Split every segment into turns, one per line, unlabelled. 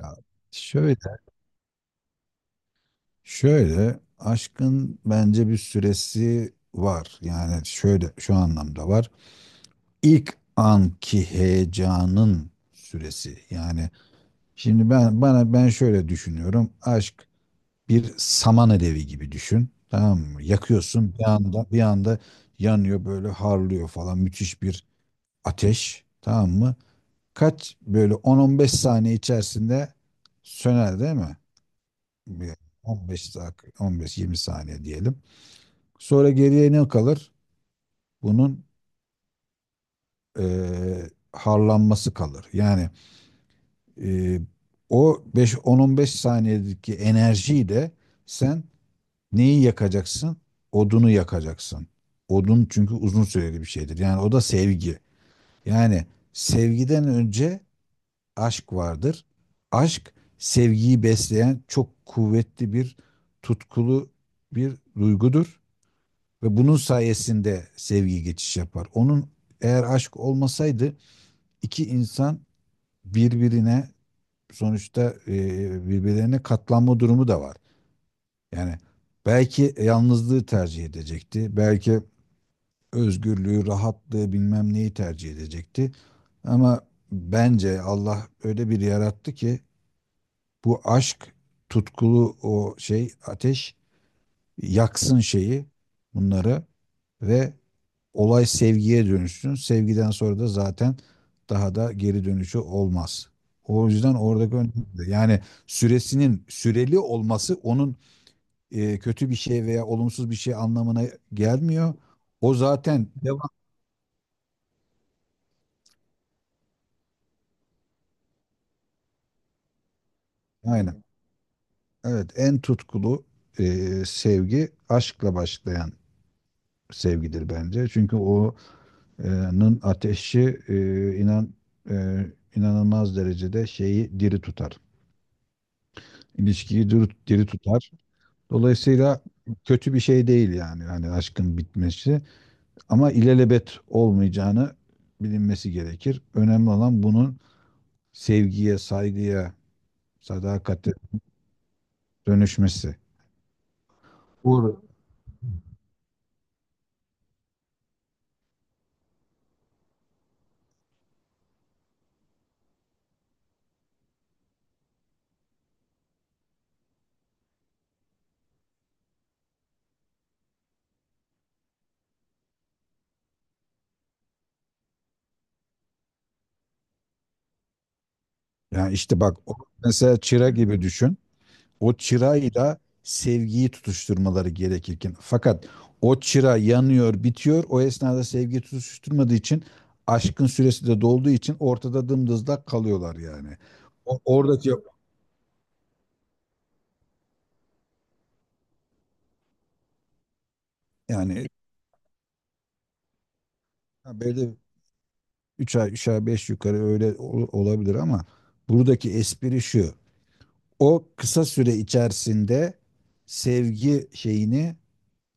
Ya şöyle, şöyle aşkın bence bir süresi var. Yani şöyle şu anlamda var. İlk anki heyecanın süresi. Yani şimdi ben şöyle düşünüyorum. Aşk bir saman alevi gibi düşün. Tamam mı? Yakıyorsun bir anda, bir anda yanıyor, böyle harlıyor falan, müthiş bir ateş. Tamam mı? Kaç böyle 10-15 saniye içerisinde söner, değil mi? Bir 15 dak 15-20 saniye diyelim. Sonra geriye ne kalır? Bunun harlanması kalır. Yani eee, o 5 10-15 saniyedeki enerjiyle sen neyi yakacaksın? Odunu yakacaksın. Odun çünkü uzun süreli bir şeydir. Yani o da sevgi. Yani sevgiden önce aşk vardır. Aşk sevgiyi besleyen çok kuvvetli bir, tutkulu bir duygudur. Ve bunun sayesinde sevgi geçiş yapar. Eğer aşk olmasaydı iki insan birbirine, sonuçta birbirlerine katlanma durumu da var. Yani belki yalnızlığı tercih edecekti. Belki özgürlüğü, rahatlığı, bilmem neyi tercih edecekti. Ama bence Allah öyle bir yarattı ki bu aşk, tutkulu o şey ateş yaksın şeyi, bunları, ve olay sevgiye dönüşsün. Sevgiden sonra da zaten daha da geri dönüşü olmaz. O yüzden oradaki önemli. Yani süresinin süreli olması onun kötü bir şey veya olumsuz bir şey anlamına gelmiyor. O zaten devam. Aynen. Evet, en tutkulu e, sevgi aşkla başlayan sevgidir bence. Çünkü o'nun ateşi, e, inanılmaz derecede şeyi diri tutar. İlişkiyi diri, diri tutar. Dolayısıyla kötü bir şey değil yani, hani aşkın bitmesi, ama ilelebet olmayacağını bilinmesi gerekir. Önemli olan bunun sevgiye, saygıya, sadakate dönüşmesi. Doğru. Yani işte bak, o mesela çıra gibi düşün. O çırayla sevgiyi tutuşturmaları gerekirken, fakat o çıra yanıyor, bitiyor. O esnada sevgi tutuşturmadığı için, aşkın süresi de dolduğu için ortada dımdızlak kalıyorlar yani. Oradaki, yani, ha, böyle 3 ay, beş, yukarı öyle olabilir ama buradaki espri şu. O kısa süre içerisinde sevgi şeyini,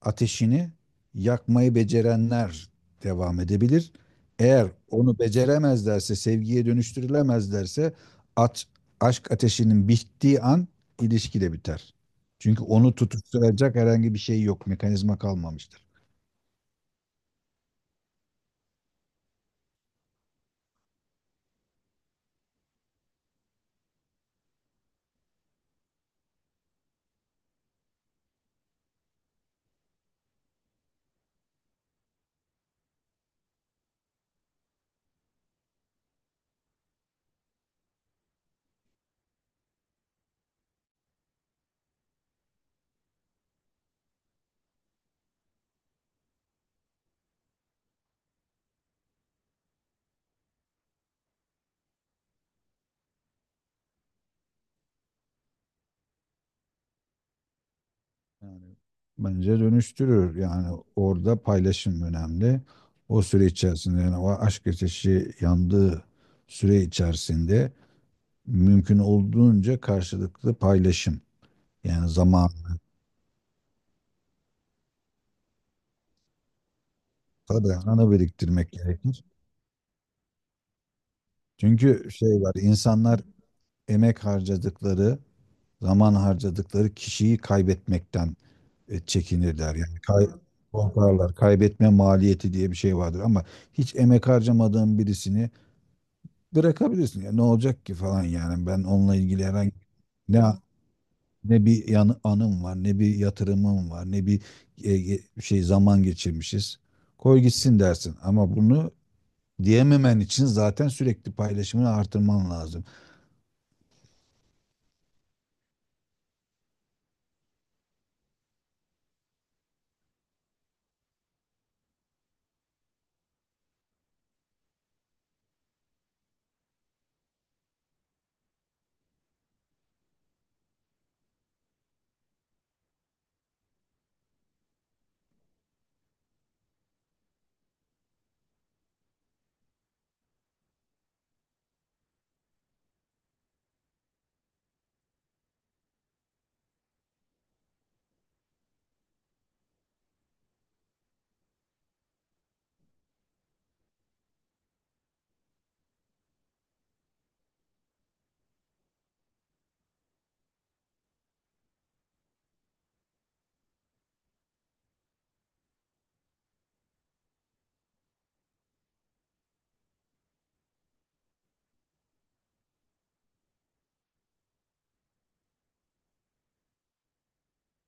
ateşini yakmayı becerenler devam edebilir. Eğer onu beceremezlerse, sevgiye dönüştürülemezlerse, at, aşk ateşinin bittiği an ilişki de biter. Çünkü onu tutuşturacak herhangi bir şey yok, mekanizma kalmamıştır. Yani bence dönüştürür. Yani orada paylaşım önemli. O süre içerisinde, yani o aşk ateşi yandığı süre içerisinde mümkün olduğunca karşılıklı paylaşım. Yani zamanı, tabii anı biriktirmek gerekir. Çünkü şey var, insanlar emek harcadıkları, zaman harcadıkları kişiyi kaybetmekten çekinirler. Yani korkarlar. Kaybetme maliyeti diye bir şey vardır ama hiç emek harcamadığın birisini bırakabilirsin ya, ne olacak ki falan yani, ben onunla ilgili herhangi ne ne bir anım var, ne bir yatırımım var, ne bir şey zaman geçirmişiz, koy gitsin dersin. Ama bunu diyememen için zaten sürekli paylaşımını artırman lazım.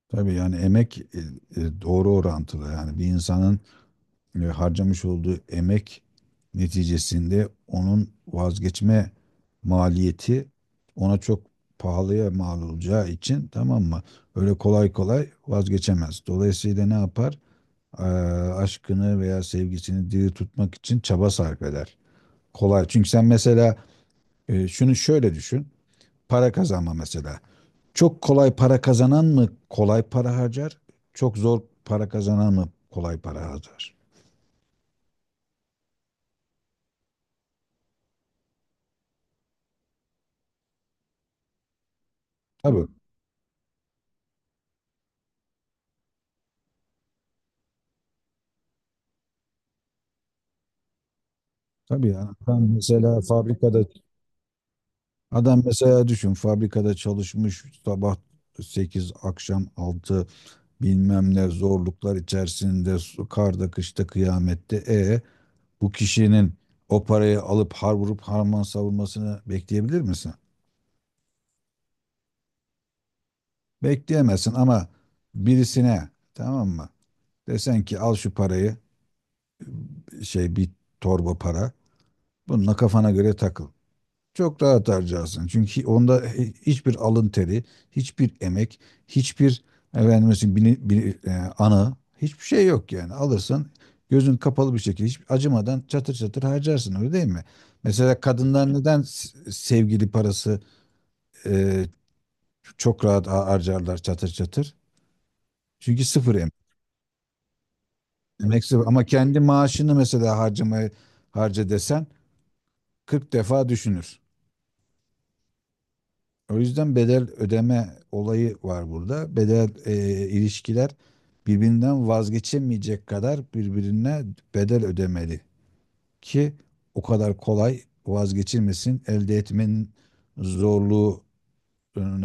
Tabii, yani emek doğru orantılı. Yani bir insanın harcamış olduğu emek neticesinde onun vazgeçme maliyeti ona çok pahalıya mal olacağı için, tamam mı? Öyle kolay kolay vazgeçemez. Dolayısıyla ne yapar? Aşkını veya sevgisini diri tutmak için çaba sarf eder. Kolay. Çünkü sen mesela şunu şöyle düşün. Para kazanma mesela. Çok kolay para kazanan mı kolay para harcar? Çok zor para kazanan mı kolay para harcar? Tabii. Tabii yani adam mesela düşün, fabrikada çalışmış, sabah 8 akşam altı, bilmem ne zorluklar içerisinde, karda, kışta, kıyamette, bu kişinin o parayı alıp har vurup harman savurmasını bekleyebilir misin? Bekleyemezsin. Ama birisine, tamam mı, desen ki al şu parayı, şey, bir torba para, bununla kafana göre takıl. Çok rahat harcarsın. Çünkü onda hiçbir alın teri, hiçbir emek, hiçbir, efendim mesela, ana, hiçbir şey yok yani. Alırsın gözün kapalı bir şekilde, hiç acımadan çatır çatır harcarsın, öyle değil mi? Mesela kadınlar neden sevgili parası e, çok rahat harcarlar çatır çatır? Çünkü sıfır emek. Emek sıfır. Ama kendi maaşını mesela harca desen 40 defa düşünür. O yüzden bedel ödeme olayı var burada. İlişkiler birbirinden vazgeçemeyecek kadar birbirine bedel ödemeli ki o kadar kolay vazgeçilmesin. Elde etmenin zorluğuna,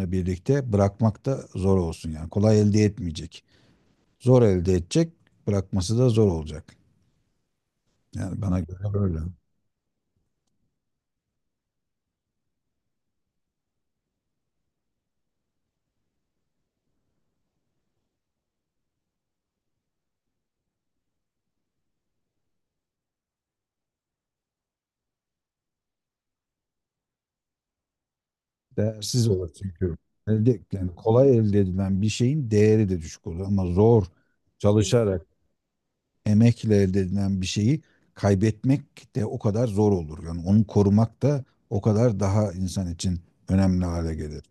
birlikte bırakmak da zor olsun. Yani kolay elde etmeyecek. Zor elde edecek, bırakması da zor olacak. Yani bana göre böyle. Değersiz olur çünkü. Yani kolay elde edilen bir şeyin değeri de düşük olur, ama zor çalışarak, emekle elde edilen bir şeyi kaybetmek de o kadar zor olur. Yani onu korumak da o kadar daha insan için önemli hale gelir.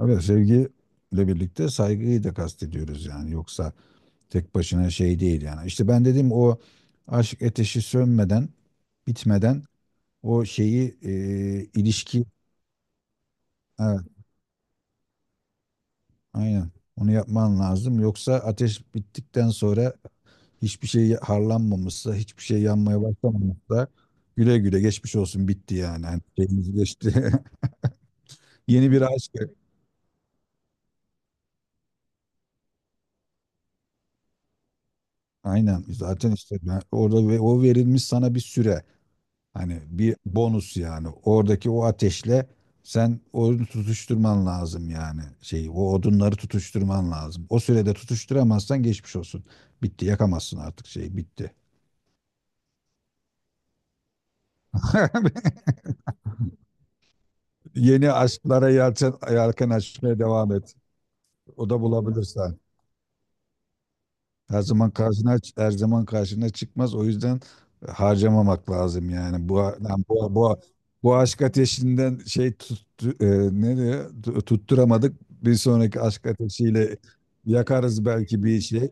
Evet, sevgiyle birlikte saygıyı da kastediyoruz yani. Yoksa tek başına şey değil yani. İşte ben dedim, o aşk ateşi sönmeden, bitmeden o şeyi ilişki evet, aynen onu yapman lazım. Yoksa ateş bittikten sonra hiçbir şey harlanmamışsa, hiçbir şey yanmaya başlamamışsa, güle güle, geçmiş olsun, bitti yani. Hani şeyimiz geçti. Yeni bir aşk. Aynen, zaten işte, orada ve o verilmiş sana bir süre. Hani bir bonus yani. Oradaki o ateşle sen onu tutuşturman lazım yani. Şeyi, o odunları tutuşturman lazım. O sürede tutuşturamazsan geçmiş olsun. Bitti, yakamazsın artık şeyi, bitti. Yeni aşklara yelken açmaya devam et. O da bulabilirsen. Her zaman karşına çıkmaz. O yüzden harcamamak lazım yani. Bu lan, bu aşk ateşinden şey tuttu, ne diyor? Tutturamadık. Bir sonraki aşk ateşiyle yakarız belki bir şey.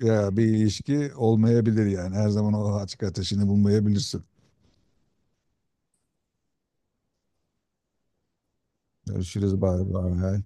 Ya bir ilişki olmayabilir yani. Her zaman o aşk ateşini bulmayabilirsin. Görüşürüz. Bay bay.